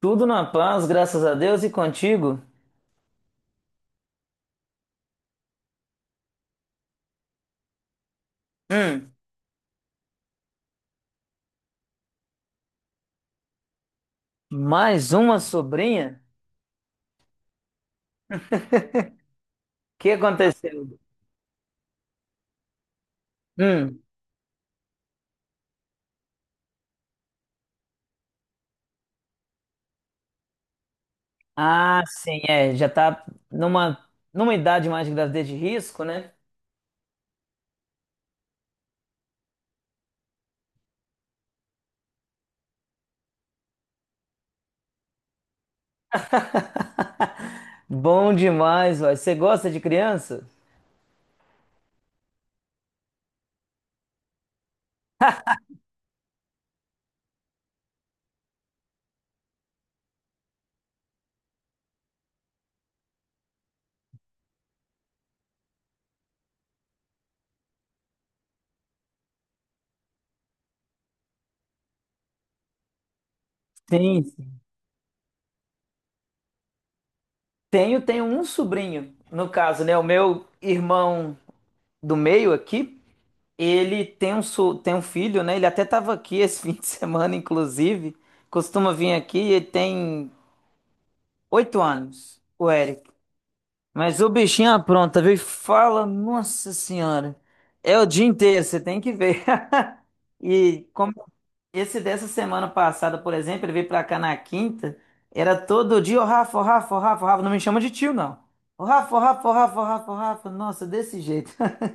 Tudo na paz, graças a Deus e contigo. Hum, mais uma sobrinha? O que aconteceu? Hum, ah, sim, é, já tá numa idade mais de gravidez de risco, né? Bom demais, vai. Você gosta de criança? Sim, sim. Tenho um sobrinho, no caso, né? O meu irmão do meio aqui, ele tem um filho, né? Ele até estava aqui esse fim de semana, inclusive. Costuma vir aqui, ele tem 8 anos, o Eric. Mas o bichinho apronta, viu? E fala, nossa senhora. É o dia inteiro, você tem que ver. E como esse dessa semana passada, por exemplo, ele veio pra cá na quinta, era todo dia, ô Rafa, ô Rafa, ô Rafa, ô Rafa, não me chama de tio, não. Ô Rafa, ô Rafa, ô Rafa, ô Rafa, ô Rafa, nossa, desse jeito.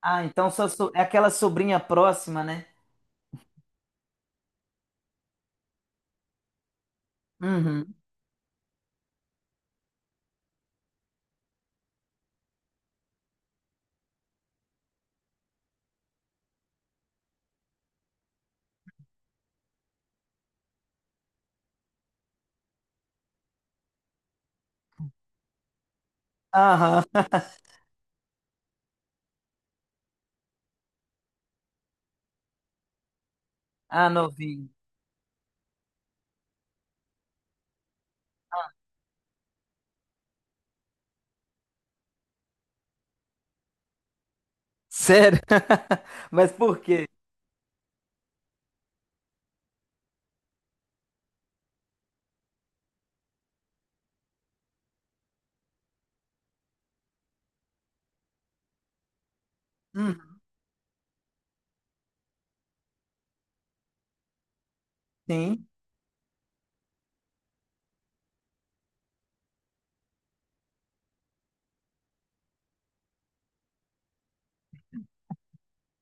Ah, então só é aquela sobrinha próxima, né? Uhum. Aham. Ah, novinho. Sério? Mas por quê? Uhum. Sim.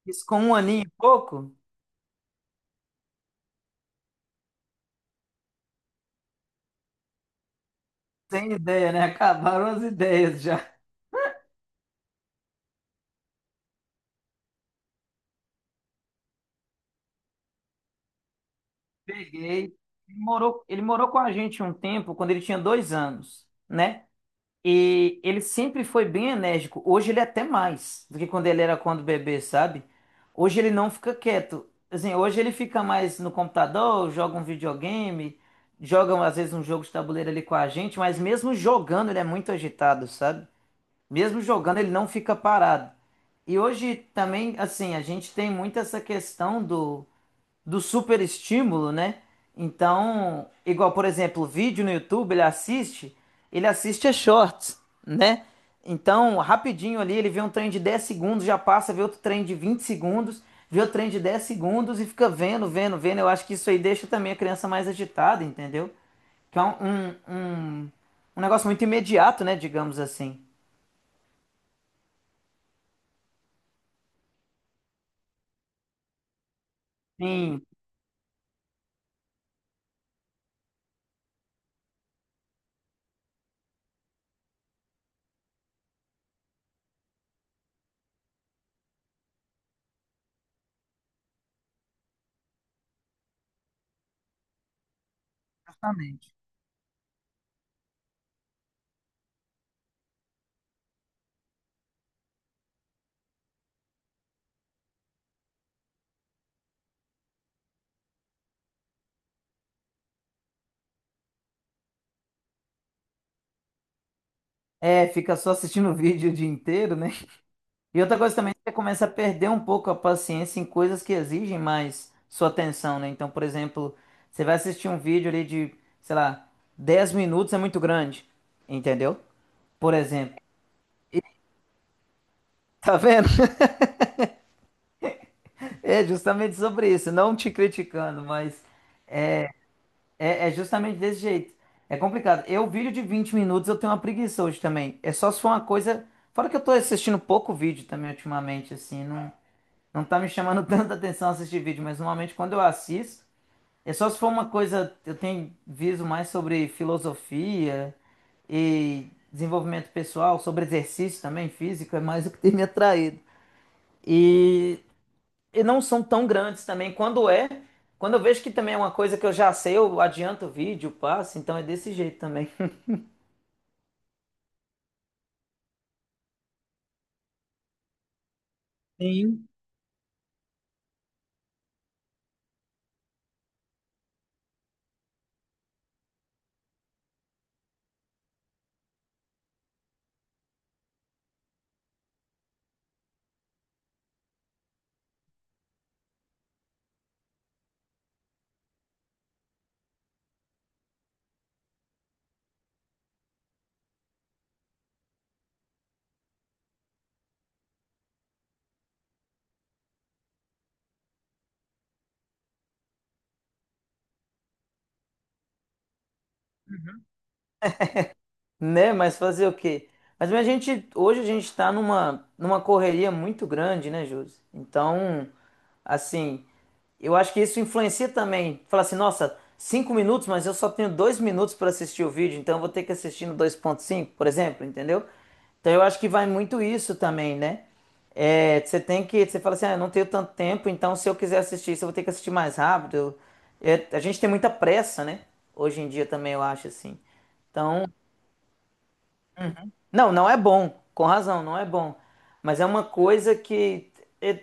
Isso com um aninho e pouco? Sem ideia, né? Acabaram as ideias já. Peguei. Ele morou com a gente um tempo, quando ele tinha 2 anos, né? E ele sempre foi bem enérgico. Hoje ele é até mais do que quando ele era quando bebê, sabe? Hoje ele não fica quieto. Assim, hoje ele fica mais no computador, joga um videogame, joga às vezes um jogo de tabuleiro ali com a gente, mas mesmo jogando ele é muito agitado, sabe? Mesmo jogando ele não fica parado. E hoje também, assim, a gente tem muito essa questão do super estímulo, né? Então, igual, por exemplo, vídeo no YouTube, ele assiste a shorts, né? Então, rapidinho ali, ele vê um trem de 10 segundos, já passa, vê outro trem de 20 segundos, vê outro trem de 10 segundos e fica vendo, vendo, vendo. Eu acho que isso aí deixa também a criança mais agitada, entendeu? Que é um negócio muito imediato, né? Digamos assim. Sim, exatamente. É, fica só assistindo o vídeo o dia inteiro, né? E outra coisa também, você começa a perder um pouco a paciência em coisas que exigem mais sua atenção, né? Então, por exemplo, você vai assistir um vídeo ali de, sei lá, 10 minutos é muito grande, entendeu? Por exemplo. Tá vendo? É justamente sobre isso, não te criticando, mas é justamente desse jeito. É complicado. Eu, vídeo de 20 minutos, eu tenho uma preguiça hoje também. É só se for uma coisa. Fora que eu tô assistindo pouco vídeo também ultimamente, assim, não, não tá me chamando tanta atenção assistir vídeo, mas normalmente quando eu assisto. É só se for uma coisa, eu tenho viso mais sobre filosofia e desenvolvimento pessoal, sobre exercício também, físico, é mais o que tem me atraído. E, e não são tão grandes também. Quando eu vejo que também é uma coisa que eu já sei, eu adianto o vídeo, passo, então é desse jeito também. Sim. Né? Mas fazer o quê? Mas a gente, hoje a gente está numa correria muito grande, né, Júlio? Então. Assim, eu acho que isso influencia também. Fala assim, nossa, 5 minutos, mas eu só tenho 2 minutos para assistir o vídeo, então eu vou ter que assistir no 2,5 por exemplo, entendeu? Então eu acho que vai muito isso também, né? É, você tem que, você fala assim, ah, eu não tenho tanto tempo, então se eu quiser assistir isso, eu vou ter que assistir mais rápido. É, a gente tem muita pressa, né? Hoje em dia também eu acho assim. Então não, não é bom, com razão, não é bom. Mas é uma coisa que é,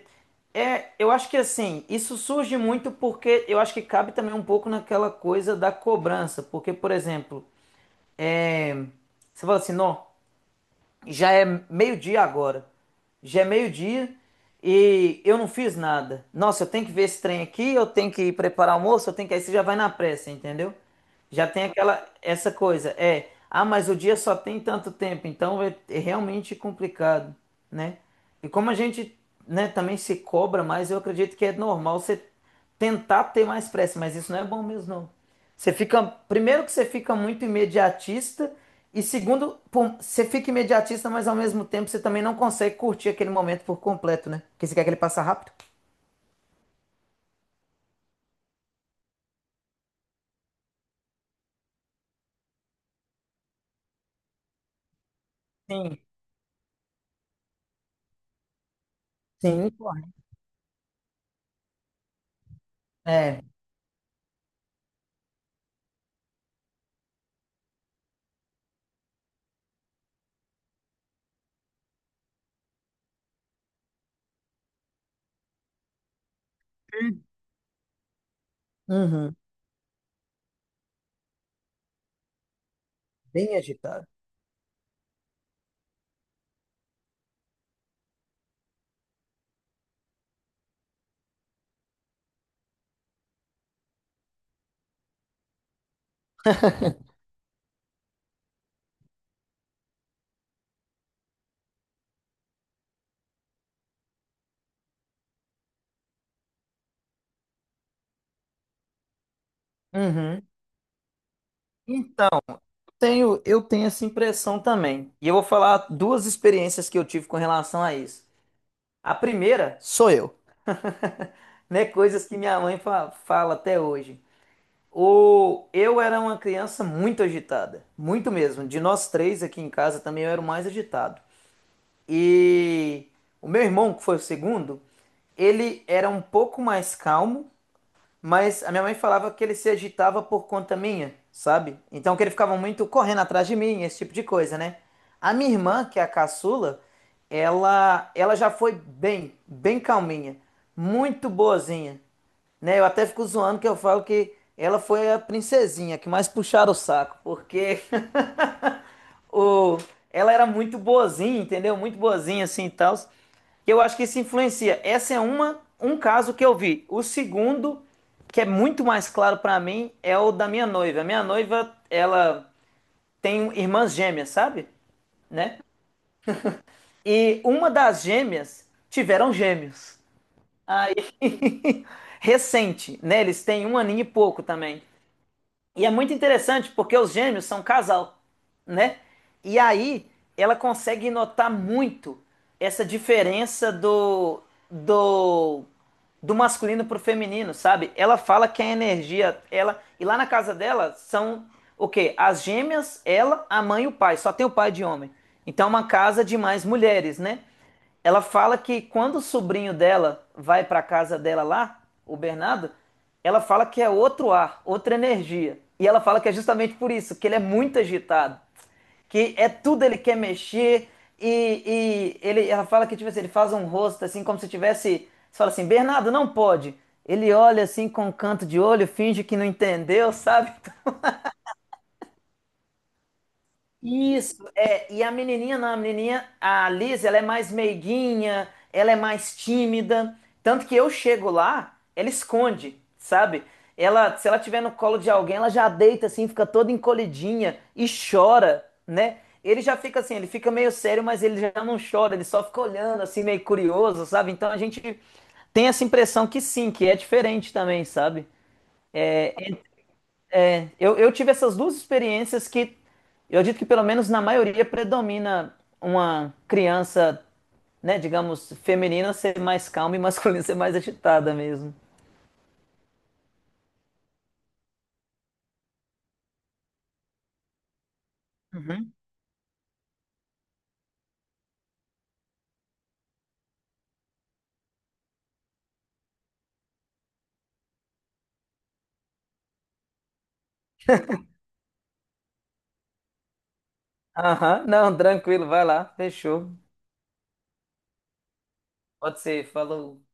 eu acho que assim, isso surge muito porque eu acho que cabe também um pouco naquela coisa da cobrança, porque, por exemplo, é, você fala assim, não, já é meio-dia agora, já é meio-dia e eu não fiz nada. Nossa, eu tenho que ver esse trem aqui, eu tenho que ir preparar o almoço, eu tenho que aí você já vai na pressa, entendeu? Já tem aquela essa coisa, é, ah, mas o dia só tem tanto tempo, então é, é realmente complicado, né? E como a gente, né, também se cobra mais, eu acredito que é normal você tentar ter mais pressa, mas isso não é bom mesmo, não. Você fica, primeiro que você fica muito imediatista e segundo, pô, você fica imediatista, mas ao mesmo tempo você também não consegue curtir aquele momento por completo, né? Porque você quer que ele passe rápido. Sim, sim, correto. É, uhum. Bem agitado. Uhum. Tenho, eu tenho essa impressão também. E eu vou falar duas experiências que eu tive com relação a isso. A primeira sou eu, né? Coisas que minha mãe fala até hoje. O, eu era uma criança muito agitada, muito mesmo. De nós três aqui em casa também eu era o mais agitado. E o meu irmão, que foi o segundo, ele era um pouco mais calmo. Mas a minha mãe falava que ele se agitava por conta minha, sabe? Então que ele ficava muito correndo atrás de mim, esse tipo de coisa, né? A minha irmã, que é a caçula, ela já foi bem, bem calminha, muito boazinha, né? Eu até fico zoando que eu falo que ela foi a princesinha que mais puxaram o saco, porque o, ela era muito boazinha, entendeu? Muito boazinha assim e tal. E eu acho que isso influencia. Essa é uma, um caso que eu vi. O segundo, que é muito mais claro pra mim, é o da minha noiva. A minha noiva, ela tem irmãs gêmeas, sabe? Né? E uma das gêmeas tiveram gêmeos. Aí, recente, né? Eles têm um aninho e pouco também. E é muito interessante porque os gêmeos são um casal, né? E aí ela consegue notar muito essa diferença do do masculino pro feminino, sabe? Ela fala que a energia, ela e lá na casa dela são o quê? As gêmeas, ela, a mãe e o pai, só tem o pai de homem. Então é uma casa de mais mulheres, né? Ela fala que quando o sobrinho dela vai para a casa dela lá, o Bernardo, ela fala que é outro ar, outra energia. E ela fala que é justamente por isso, que ele é muito agitado, que é tudo ele quer mexer ela fala que tipo assim, ele faz um rosto assim como se tivesse, você fala assim, Bernardo, não pode. Ele olha assim com um canto de olho, finge que não entendeu, sabe? Isso, é, e a menininha, não, a menininha, a Liz, ela é mais meiguinha, ela é mais tímida, tanto que eu chego lá, ela esconde, sabe? Ela, se ela tiver no colo de alguém, ela já deita assim, fica toda encolhidinha e chora, né? Ele já fica assim, ele fica meio sério, mas ele já não chora, ele só fica olhando assim, meio curioso, sabe? Então a gente tem essa impressão que sim, que é diferente também, sabe? Eu tive essas duas experiências que eu acredito que pelo menos na maioria predomina uma criança, né, digamos, feminina ser mais calma e masculina ser mais agitada mesmo. Uhum. Aham, não, tranquilo, vai lá, fechou. Pode ser, falou.